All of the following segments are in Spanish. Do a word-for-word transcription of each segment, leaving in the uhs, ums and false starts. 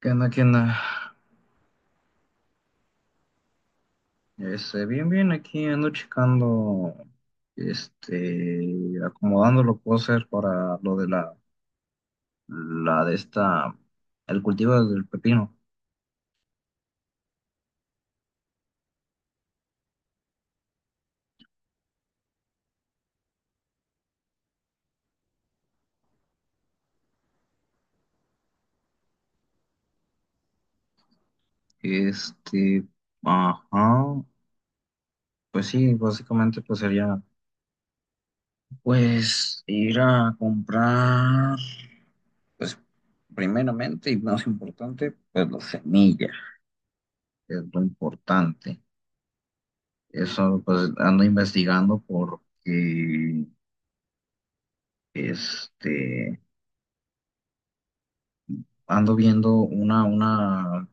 ¿Qué onda? ¿Qué onda? Este, bien, bien, aquí ando checando, este, acomodando lo que puedo hacer para lo de la, la de esta, el cultivo del pepino. Este, ajá, pues sí, básicamente pues sería, pues, ir a comprar, pues, primeramente y más importante, pues la semilla, que es lo importante. Eso, pues, ando investigando porque Este, ando viendo una, una,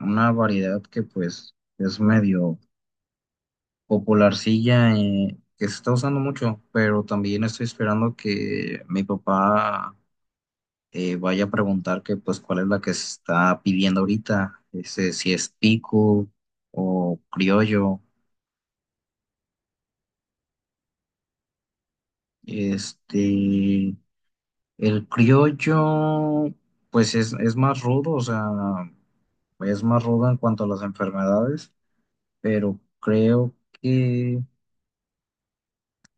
una variedad que pues es medio popularcilla, eh, que se está usando mucho, pero también estoy esperando que mi papá eh, vaya a preguntar que pues cuál es la que se está pidiendo ahorita, ese, si es pico o criollo. Este, el criollo pues es, es más rudo, o sea, es más rudo en cuanto a las enfermedades, pero creo que,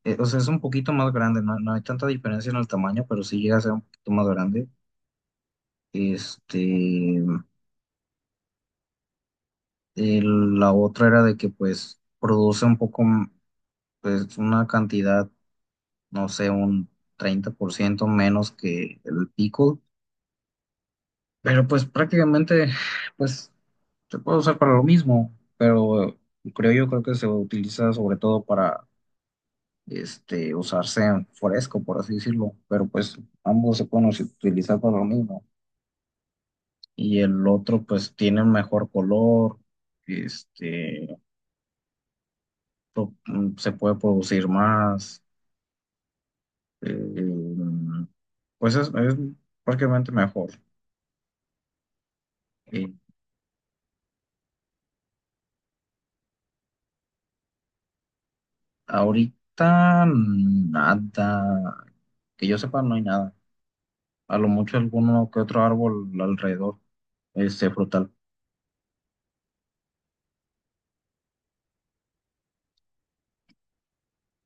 eh, o sea, es un poquito más grande, no, no hay tanta diferencia en el tamaño, pero sí llega a ser un poquito más grande. Este, el- la otra era de que pues produce un poco, m- pues una cantidad, no sé, un treinta por ciento menos que el pickle, pero pues prácticamente, pues se puede usar para lo mismo, pero creo yo creo que se utiliza sobre todo para este, usarse en fresco, por así decirlo, pero pues ambos se pueden us- utilizar para lo mismo. Y el otro pues tiene un mejor color, este, pro- mm, se puede producir más, eh, pues es, es prácticamente mejor. Eh, ahorita nada, que yo sepa no hay nada, a lo mucho alguno que otro árbol alrededor, este frutal.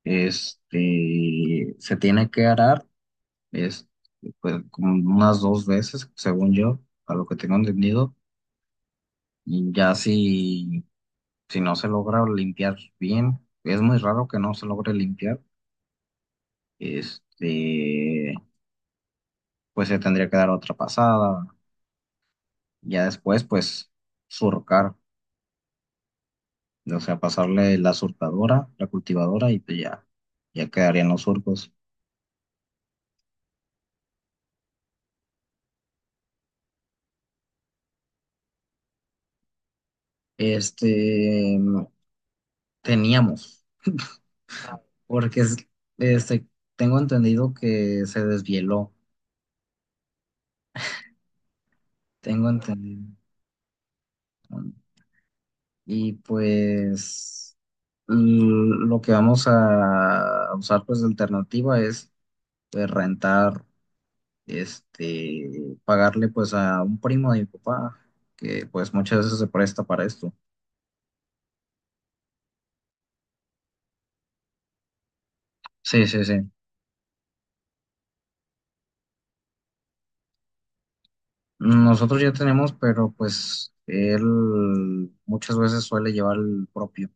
Este, se tiene que arar, es pues, como unas dos veces, según yo, a lo que tengo entendido, y ya si, si no se logra limpiar bien, es muy raro que no se logre limpiar, este, pues se tendría que dar otra pasada, ya después pues surcar, o sea, pasarle la surcadora, la cultivadora y pues ya, ya quedarían los surcos. Este, teníamos, porque es- este, tengo entendido que se desvieló. Tengo entendido, ¿no? Y pues l- lo que vamos a usar pues de alternativa es, pues, rentar, este, pagarle pues a un primo de mi papá, que pues muchas veces se presta para esto. Sí, sí, sí. Nosotros ya tenemos, pero pues él muchas veces suele llevar el propio.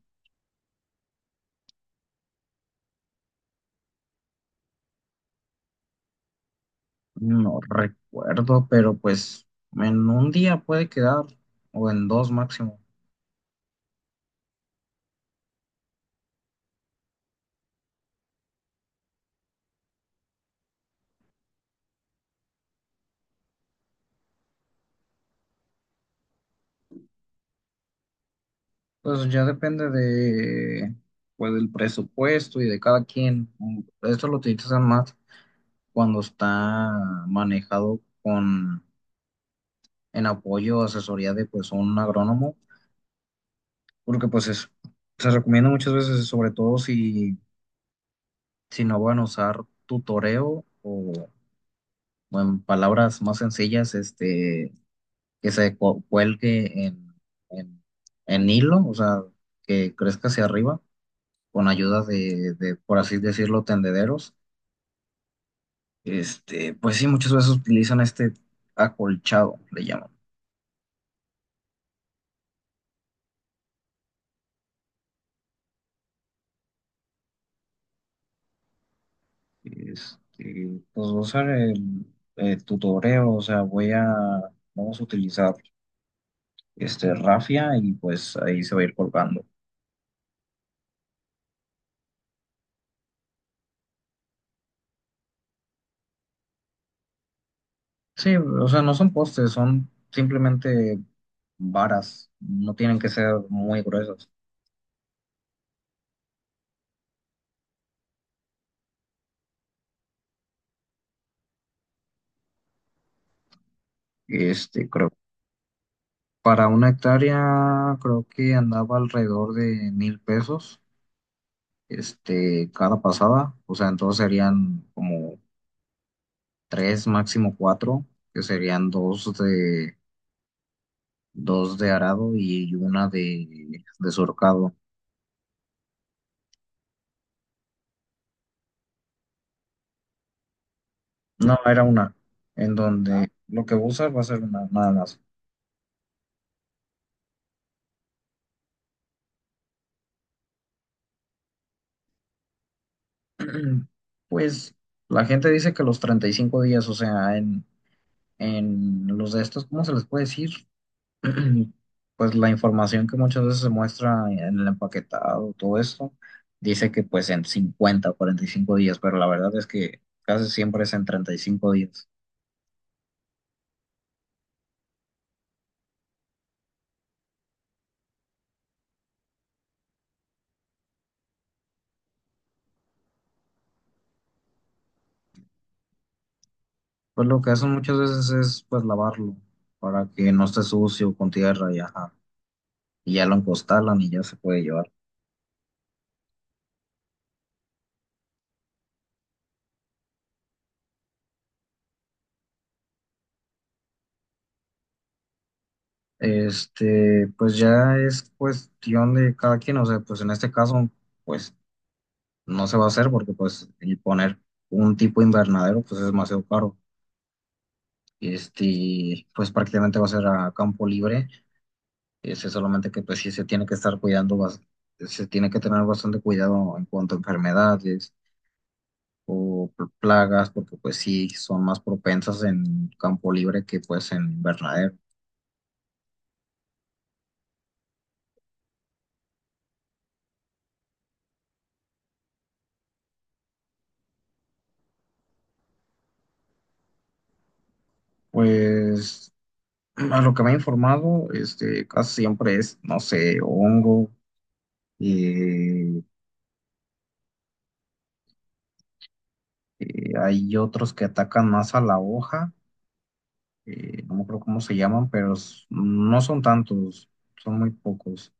No recuerdo, pero pues en un día puede quedar, o en dos máximo. Pues ya depende de, pues, del presupuesto y de cada quien. Esto lo utilizan más cuando está manejado con, en apoyo o asesoría de, pues, un agrónomo, porque, pues, es- se recomienda muchas veces, sobre todo si, si no van a usar tutoreo o, o en palabras más sencillas, este, que se cu- cuelgue en, en, en hilo, o sea, que crezca hacia arriba con ayuda de, de, por así decirlo, tendederos, este, pues sí, muchas veces utilizan este acolchado, le llaman. Este, pues voy a usar el, el tutoreo, o sea, voy a, vamos a utilizar este rafia y pues ahí se va a ir colgando. Sí, o sea, no son postes, son simplemente varas, no tienen que ser muy gruesas. Este, creo, para una hectárea creo que andaba alrededor de mil pesos, este, cada pasada, o sea, entonces serían como tres, máximo cuatro, que serían dos de, dos de arado y una de, de surcado. No, era una, en donde lo que voy a usar va a ser una, nada más. Pues la gente dice que los treinta y cinco días, o sea, en, en los de estos, ¿cómo se les puede decir? Pues la información que muchas veces se muestra en el empaquetado, todo esto, dice que pues en cincuenta o cuarenta y cinco días, pero la verdad es que casi siempre es en treinta y cinco días. Pues lo que hacen muchas veces es pues lavarlo para que no esté sucio con tierra y ajá, y ya lo encostalan y ya se puede llevar. Este, pues ya es cuestión de cada quien, o sea, pues en este caso, pues no se va a hacer porque pues el poner un tipo invernadero pues es demasiado caro. Este, pues prácticamente va a ser a campo libre. Este, solamente que pues sí se tiene que estar cuidando, bas- se tiene que tener bastante cuidado en cuanto a enfermedades o pl- plagas, porque pues sí son más propensas en campo libre que pues en invernadero. Pues a lo que me he informado, este, casi siempre es, no sé, hongo, eh, eh, hay otros que atacan más a la hoja, eh, no me acuerdo cómo se llaman, pero s- no son tantos, son muy pocos,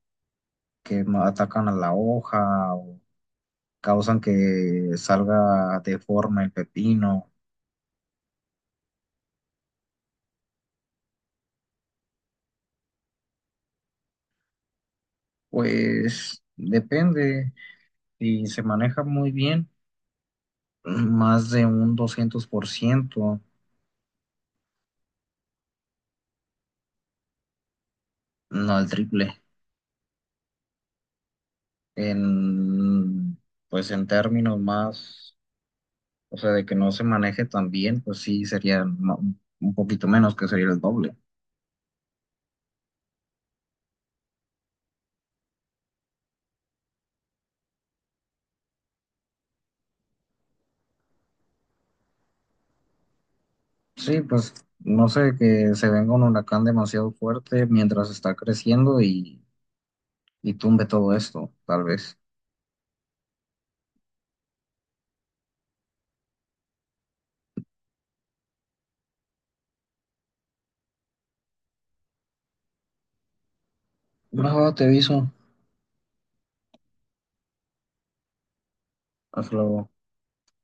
que ma- atacan a la hoja o causan que salga deforme el pepino. Pues depende, si se maneja muy bien, más de un doscientos por ciento, no, el triple, en, pues en términos más, o sea, de que no se maneje tan bien, pues sí sería ma- un poquito menos, que sería el doble. Sí, pues no sé, que se venga un huracán demasiado fuerte mientras está creciendo y, y tumbe todo esto, tal vez. Va, va, te aviso. Hasta luego.